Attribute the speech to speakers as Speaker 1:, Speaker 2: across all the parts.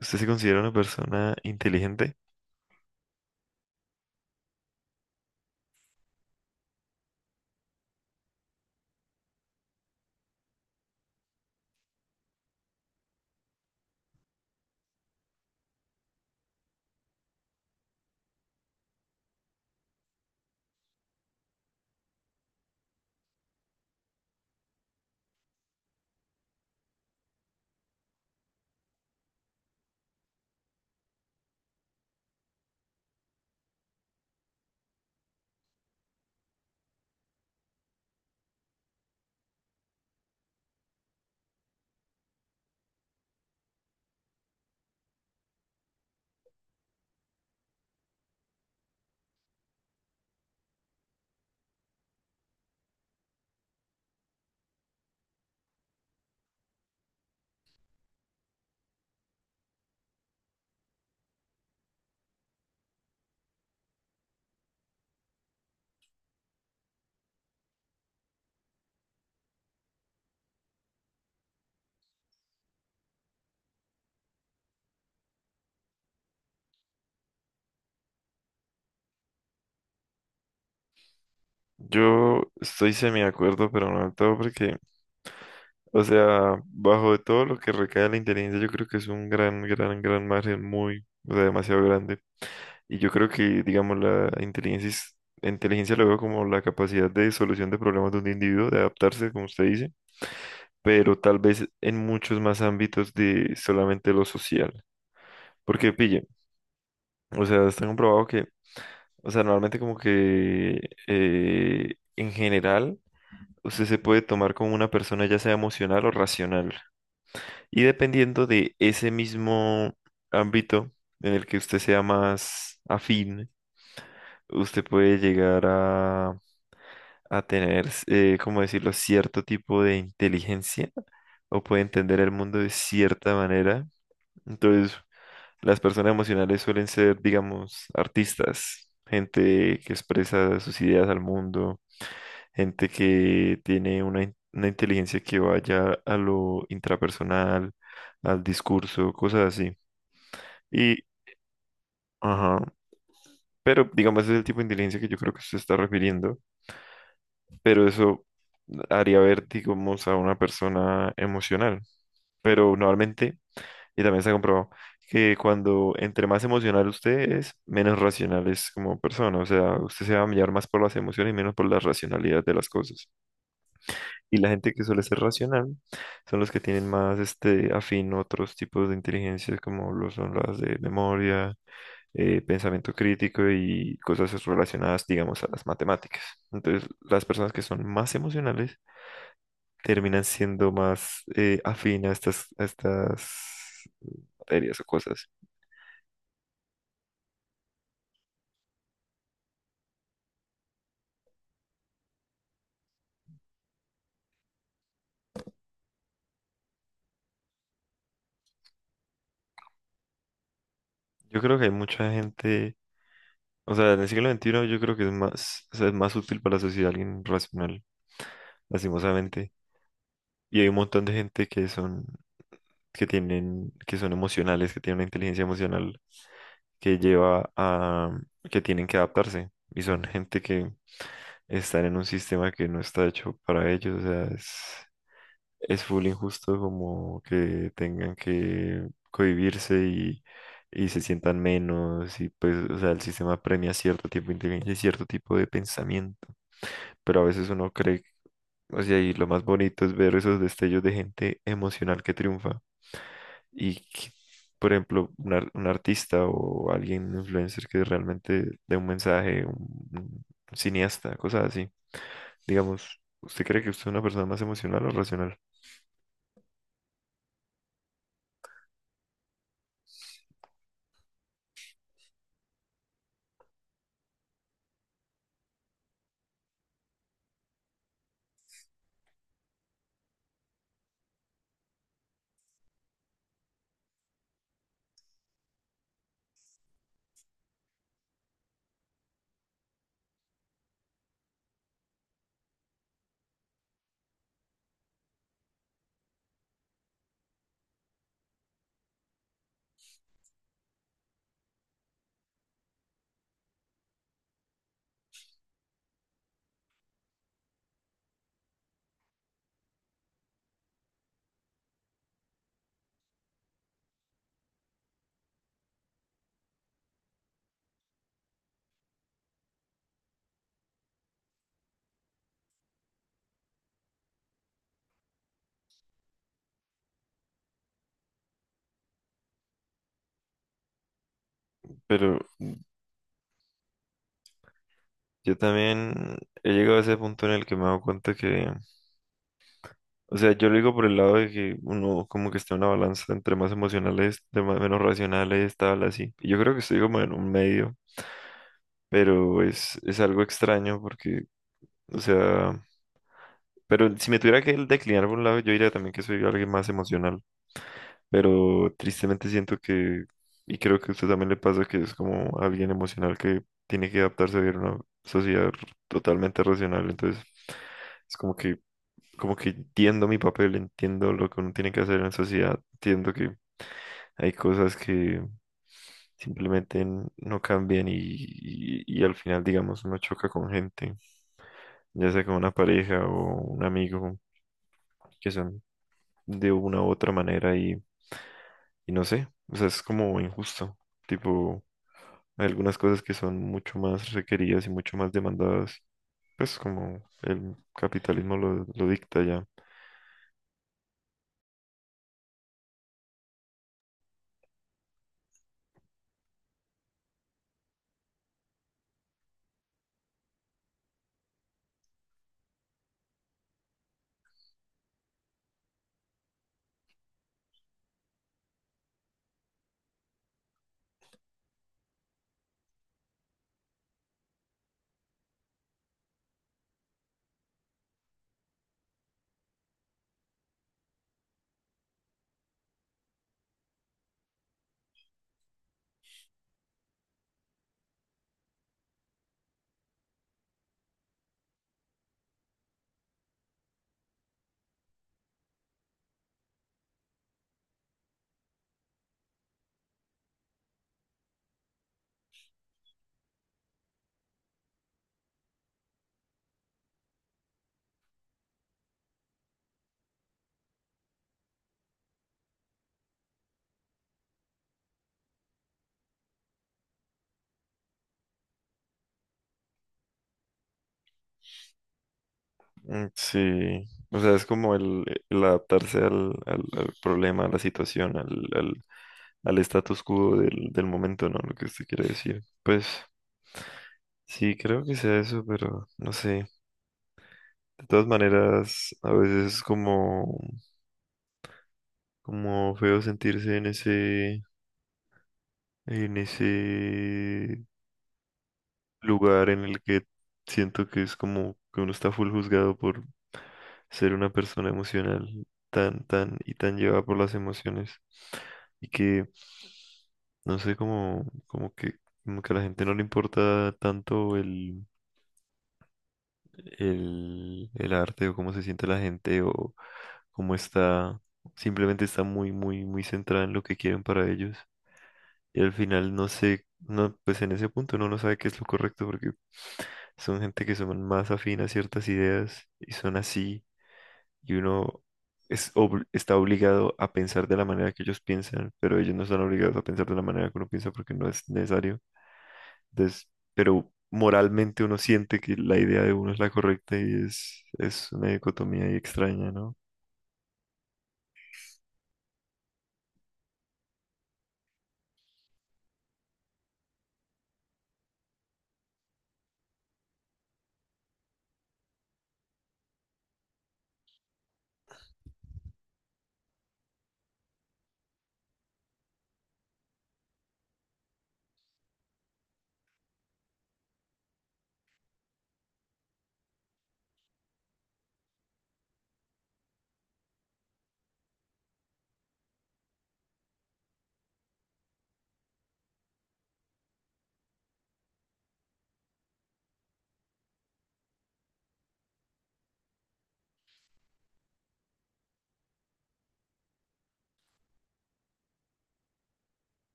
Speaker 1: ¿Usted se considera una persona inteligente? Yo estoy semi de acuerdo, pero no del todo, porque, o sea, bajo de todo lo que recae la inteligencia, yo creo que es un gran, gran, gran margen muy, o sea, demasiado grande. Y yo creo que, digamos, la inteligencia, inteligencia lo veo como la capacidad de solución de problemas de un individuo, de adaptarse, como usted dice, pero tal vez en muchos más ámbitos de solamente lo social. Porque, pille, o sea, está comprobado que, o sea, normalmente como que en general, usted se puede tomar como una persona ya sea emocional o racional. Y dependiendo de ese mismo ámbito en el que usted sea más afín, usted puede llegar a tener, ¿cómo decirlo?, cierto tipo de inteligencia o puede entender el mundo de cierta manera. Entonces, las personas emocionales suelen ser, digamos, artistas, gente que expresa sus ideas al mundo, gente que tiene una inteligencia que vaya a lo intrapersonal, al discurso, cosas así. Y, ajá, pero digamos, ese es el tipo de inteligencia que yo creo que se está refiriendo, pero eso haría ver, digamos, a una persona emocional. Pero normalmente, y también se ha comprobado, que cuando entre más emocional usted es, menos racional es como persona. O sea, usted se va a mirar más por las emociones y menos por la racionalidad de las cosas. Y la gente que suele ser racional son los que tienen más afín a otros tipos de inteligencias, como lo son las de memoria, pensamiento crítico y cosas relacionadas, digamos, a las matemáticas. Entonces, las personas que son más emocionales terminan siendo más afín a estas materias o cosas. Yo creo que hay mucha gente, o sea, en el siglo 21 yo creo que es más, o sea, es más útil para la sociedad alguien racional, lastimosamente. Y hay un montón de gente que tienen, que son emocionales, que tienen una inteligencia emocional que lleva a que tienen que adaptarse y son gente que están en un sistema que no está hecho para ellos, o sea, es, full injusto como que tengan que cohibirse y se sientan menos y pues, o sea, el sistema premia cierto tipo de inteligencia y cierto tipo de pensamiento, pero a veces uno cree, o sea, y lo más bonito es ver esos destellos de gente emocional que triunfa y, que, por ejemplo, un artista o alguien, un influencer que realmente dé un mensaje, un cineasta, cosas así. Digamos, ¿usted cree que usted es una persona más emocional o racional? Pero yo también he llegado a ese punto en el que me he dado cuenta que, o sea, yo lo digo por el lado de que uno como que está en una balanza entre más emocionales, de más, menos racionales, tal, así. Y yo creo que estoy como en un medio, pero es algo extraño porque, o sea... Pero si me tuviera que declinar por un lado, yo diría también que soy alguien más emocional. Pero tristemente siento que, y creo que a usted también le pasa, que es como alguien emocional que tiene que adaptarse a vivir en una sociedad r- totalmente racional. Entonces, es como que entiendo mi papel, entiendo lo que uno tiene que hacer en la sociedad, entiendo que hay cosas que no cambian y al final, digamos, uno choca con gente, ya sea con una pareja o un amigo, que son de una u otra manera y no sé, o sea, es como injusto. Tipo, hay algunas cosas que son mucho más requeridas y mucho más demandadas, pues como el capitalismo lo dicta ya. Mm, sí, o sea, es como el adaptarse al problema, a la situación, al status quo del momento, ¿no? Lo que usted quiere decir. Pues sí, creo que sea eso, pero no sé. De todas maneras, a veces es como, como feo sentirse en ese lugar en el que siento que es como que uno está full juzgado por ser una persona emocional tan, tan y tan llevada por las emociones. Y que, no sé, como, como que a la gente no le importa tanto el, el arte o cómo se siente la gente o cómo está, simplemente está muy, muy, muy centrada en lo que quieren para ellos. Y al final no sé, no, pues en ese punto uno no sabe qué es lo correcto porque son gente que son más afín a ciertas ideas y son así y uno está obligado a pensar de la manera que ellos piensan, pero ellos no están obligados a pensar de la manera que uno piensa porque no es necesario. Entonces, pero moralmente uno siente que la idea de uno es la correcta y es una dicotomía ahí extraña, ¿no?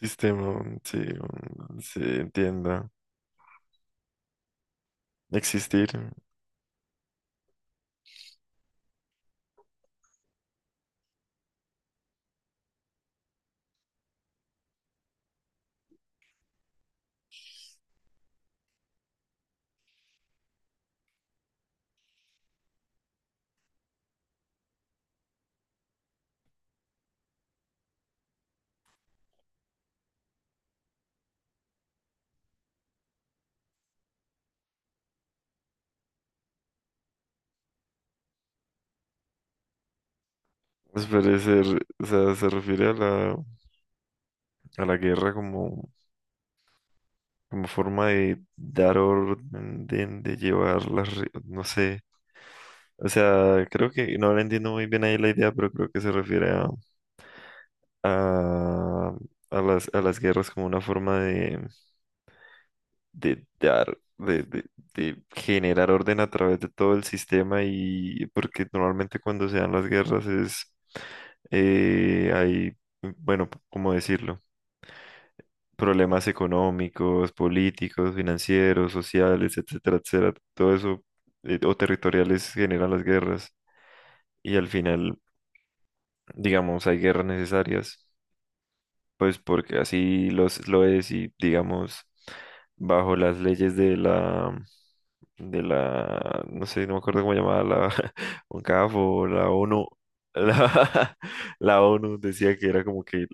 Speaker 1: Sistema, mm, sí, entienda. Existir, pues, parece, o sea, se refiere a la, a la guerra como, como forma de dar orden, de llevar no sé, o sea, creo que no la entiendo muy bien ahí la idea, pero creo que se refiere a, a las guerras como una forma de dar, de generar orden a través de todo el sistema y porque normalmente cuando se dan las guerras es, hay, bueno, ¿cómo decirlo? Problemas económicos, políticos, financieros, sociales, etcétera, etcétera, todo eso, o territoriales, generan las guerras, y al final, digamos, hay guerras necesarias pues porque así los, lo es y digamos, bajo las leyes de la, no sé, no me acuerdo cómo llamaba la UNCAF o la ONU, la, la ONU decía que era como que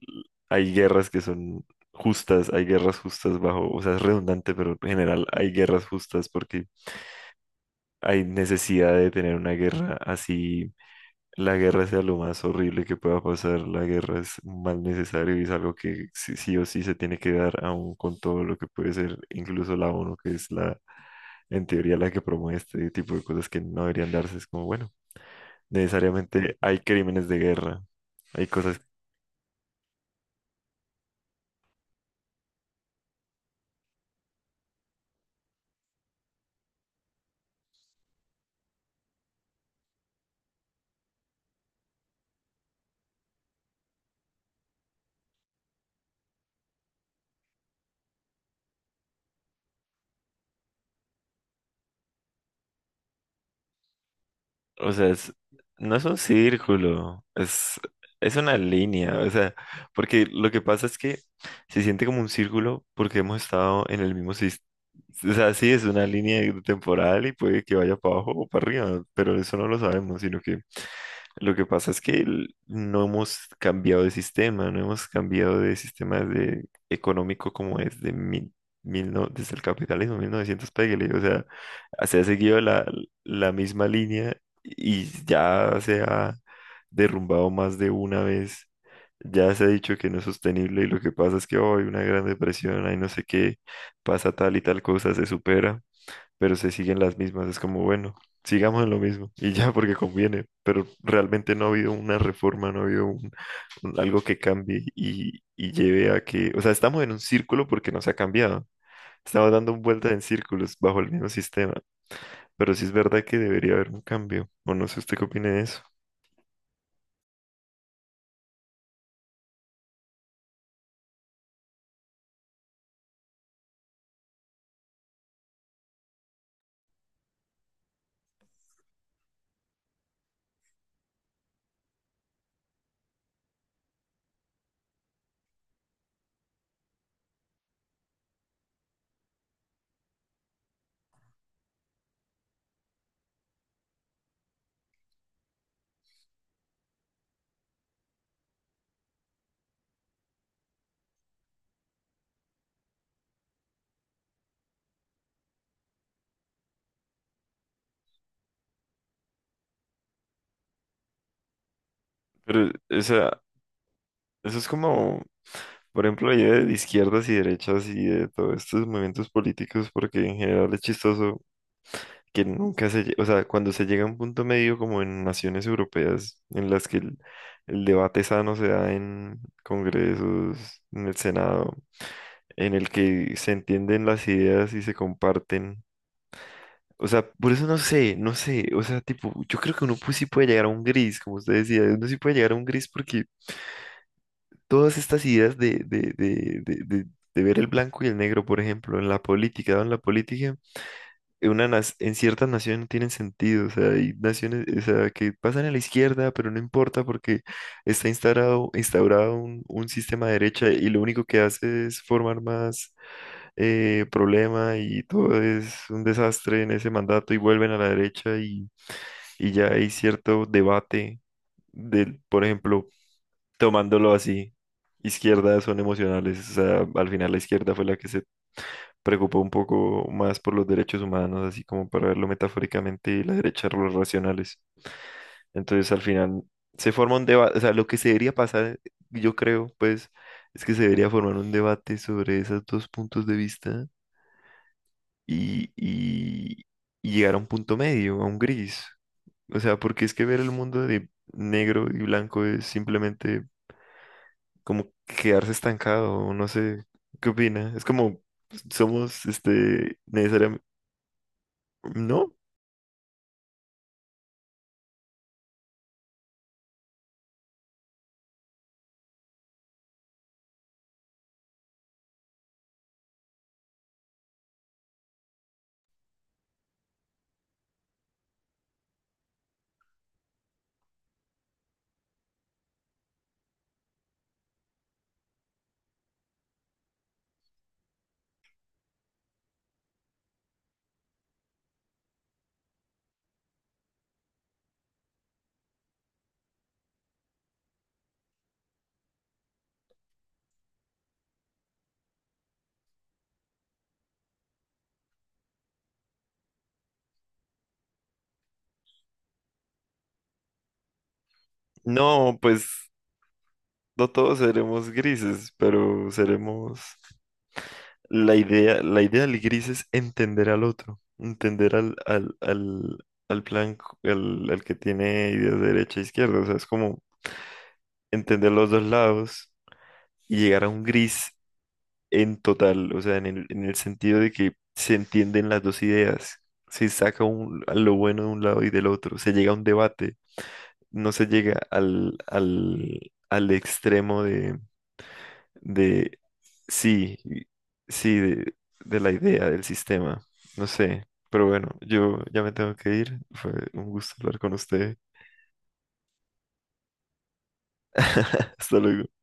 Speaker 1: hay guerras que son justas, hay guerras justas bajo, o sea, es redundante, pero en general hay guerras justas porque hay necesidad de tener una guerra así la guerra sea lo más horrible que pueda pasar. La guerra es un mal necesario y es algo que sí, sí o sí se tiene que dar, aún con todo lo que puede ser, incluso la ONU, que es la, en teoría, la que promueve este tipo de cosas que no deberían darse. Es como, bueno, necesariamente hay crímenes de guerra, hay cosas. O sea, es, no es un círculo, es una línea, o sea, porque lo que pasa es que se siente como un círculo porque hemos estado en el mismo sistema. O sea, sí, es una línea temporal y puede que vaya para abajo o para arriba, pero eso no lo sabemos, sino que lo que pasa es que no hemos cambiado de sistema, no hemos cambiado de sistema de económico como es de mil, mil no- desde el capitalismo, 1900 pégale. O sea, se ha seguido la misma línea y ya se ha derrumbado más de una vez. Ya se ha dicho que no es sostenible y lo que pasa es que hoy una gran depresión, hay no sé qué, pasa tal y tal cosa, se supera pero se siguen las mismas. Es como, bueno, sigamos en lo mismo y ya porque conviene, pero realmente no ha habido una reforma, no ha habido algo que cambie y lleve a que, o sea, estamos en un círculo porque no se ha cambiado. Estamos dando vueltas en círculos bajo el mismo sistema, pero sí es verdad que debería haber un cambio, o no sé usted qué opine de eso. Pero, o sea, eso es como, por ejemplo, la idea de izquierdas y derechas y de todos estos movimientos políticos, porque en general es chistoso que nunca se, o sea, cuando se llega a un punto medio como en naciones europeas en las que el debate sano se da en congresos, en el Senado, en el que se entienden las ideas y se comparten. O sea, por eso no sé, no sé, o sea, tipo, yo creo que uno pues sí puede llegar a un gris, como usted decía, uno sí puede llegar a un gris porque todas estas ideas de ver el blanco y el negro, por ejemplo, en la política, ¿no? En la política, en ciertas naciones no tienen sentido, o sea, hay naciones, o sea, que pasan a la izquierda, pero no importa porque está instaurado un, sistema de derecha y lo único que hace es formar más problema y todo es un desastre en ese mandato y vuelven a la derecha y ya hay cierto debate del, por ejemplo, tomándolo así. Izquierdas son emocionales, o sea, al final la izquierda fue la que se preocupó un poco más por los derechos humanos, así como para verlo metafóricamente, y la derecha los racionales. Entonces, al final, se forma un debate, o sea, lo que se debería pasar, yo creo, pues, es que se debería formar un debate sobre esos dos puntos de vista y, y, y llegar a un punto medio, a un gris. O sea, porque es que ver el mundo de negro y blanco es simplemente como quedarse estancado, no sé, ¿qué opina? Es como somos, necesariamente, ¿no? No, pues no todos seremos grises, pero seremos la idea del gris es entender al otro, entender al blanco, al que tiene ideas de derecha e izquierda. O sea, es como entender los dos lados y llegar a un gris en total, o sea, en el sentido de que se entienden las dos ideas, se saca lo bueno de un lado y del otro, se llega a un debate, no se llega al, al extremo de, sí, sí, de la idea del sistema. No sé, pero bueno, yo ya me tengo que ir. Fue un gusto hablar con usted. Hasta luego.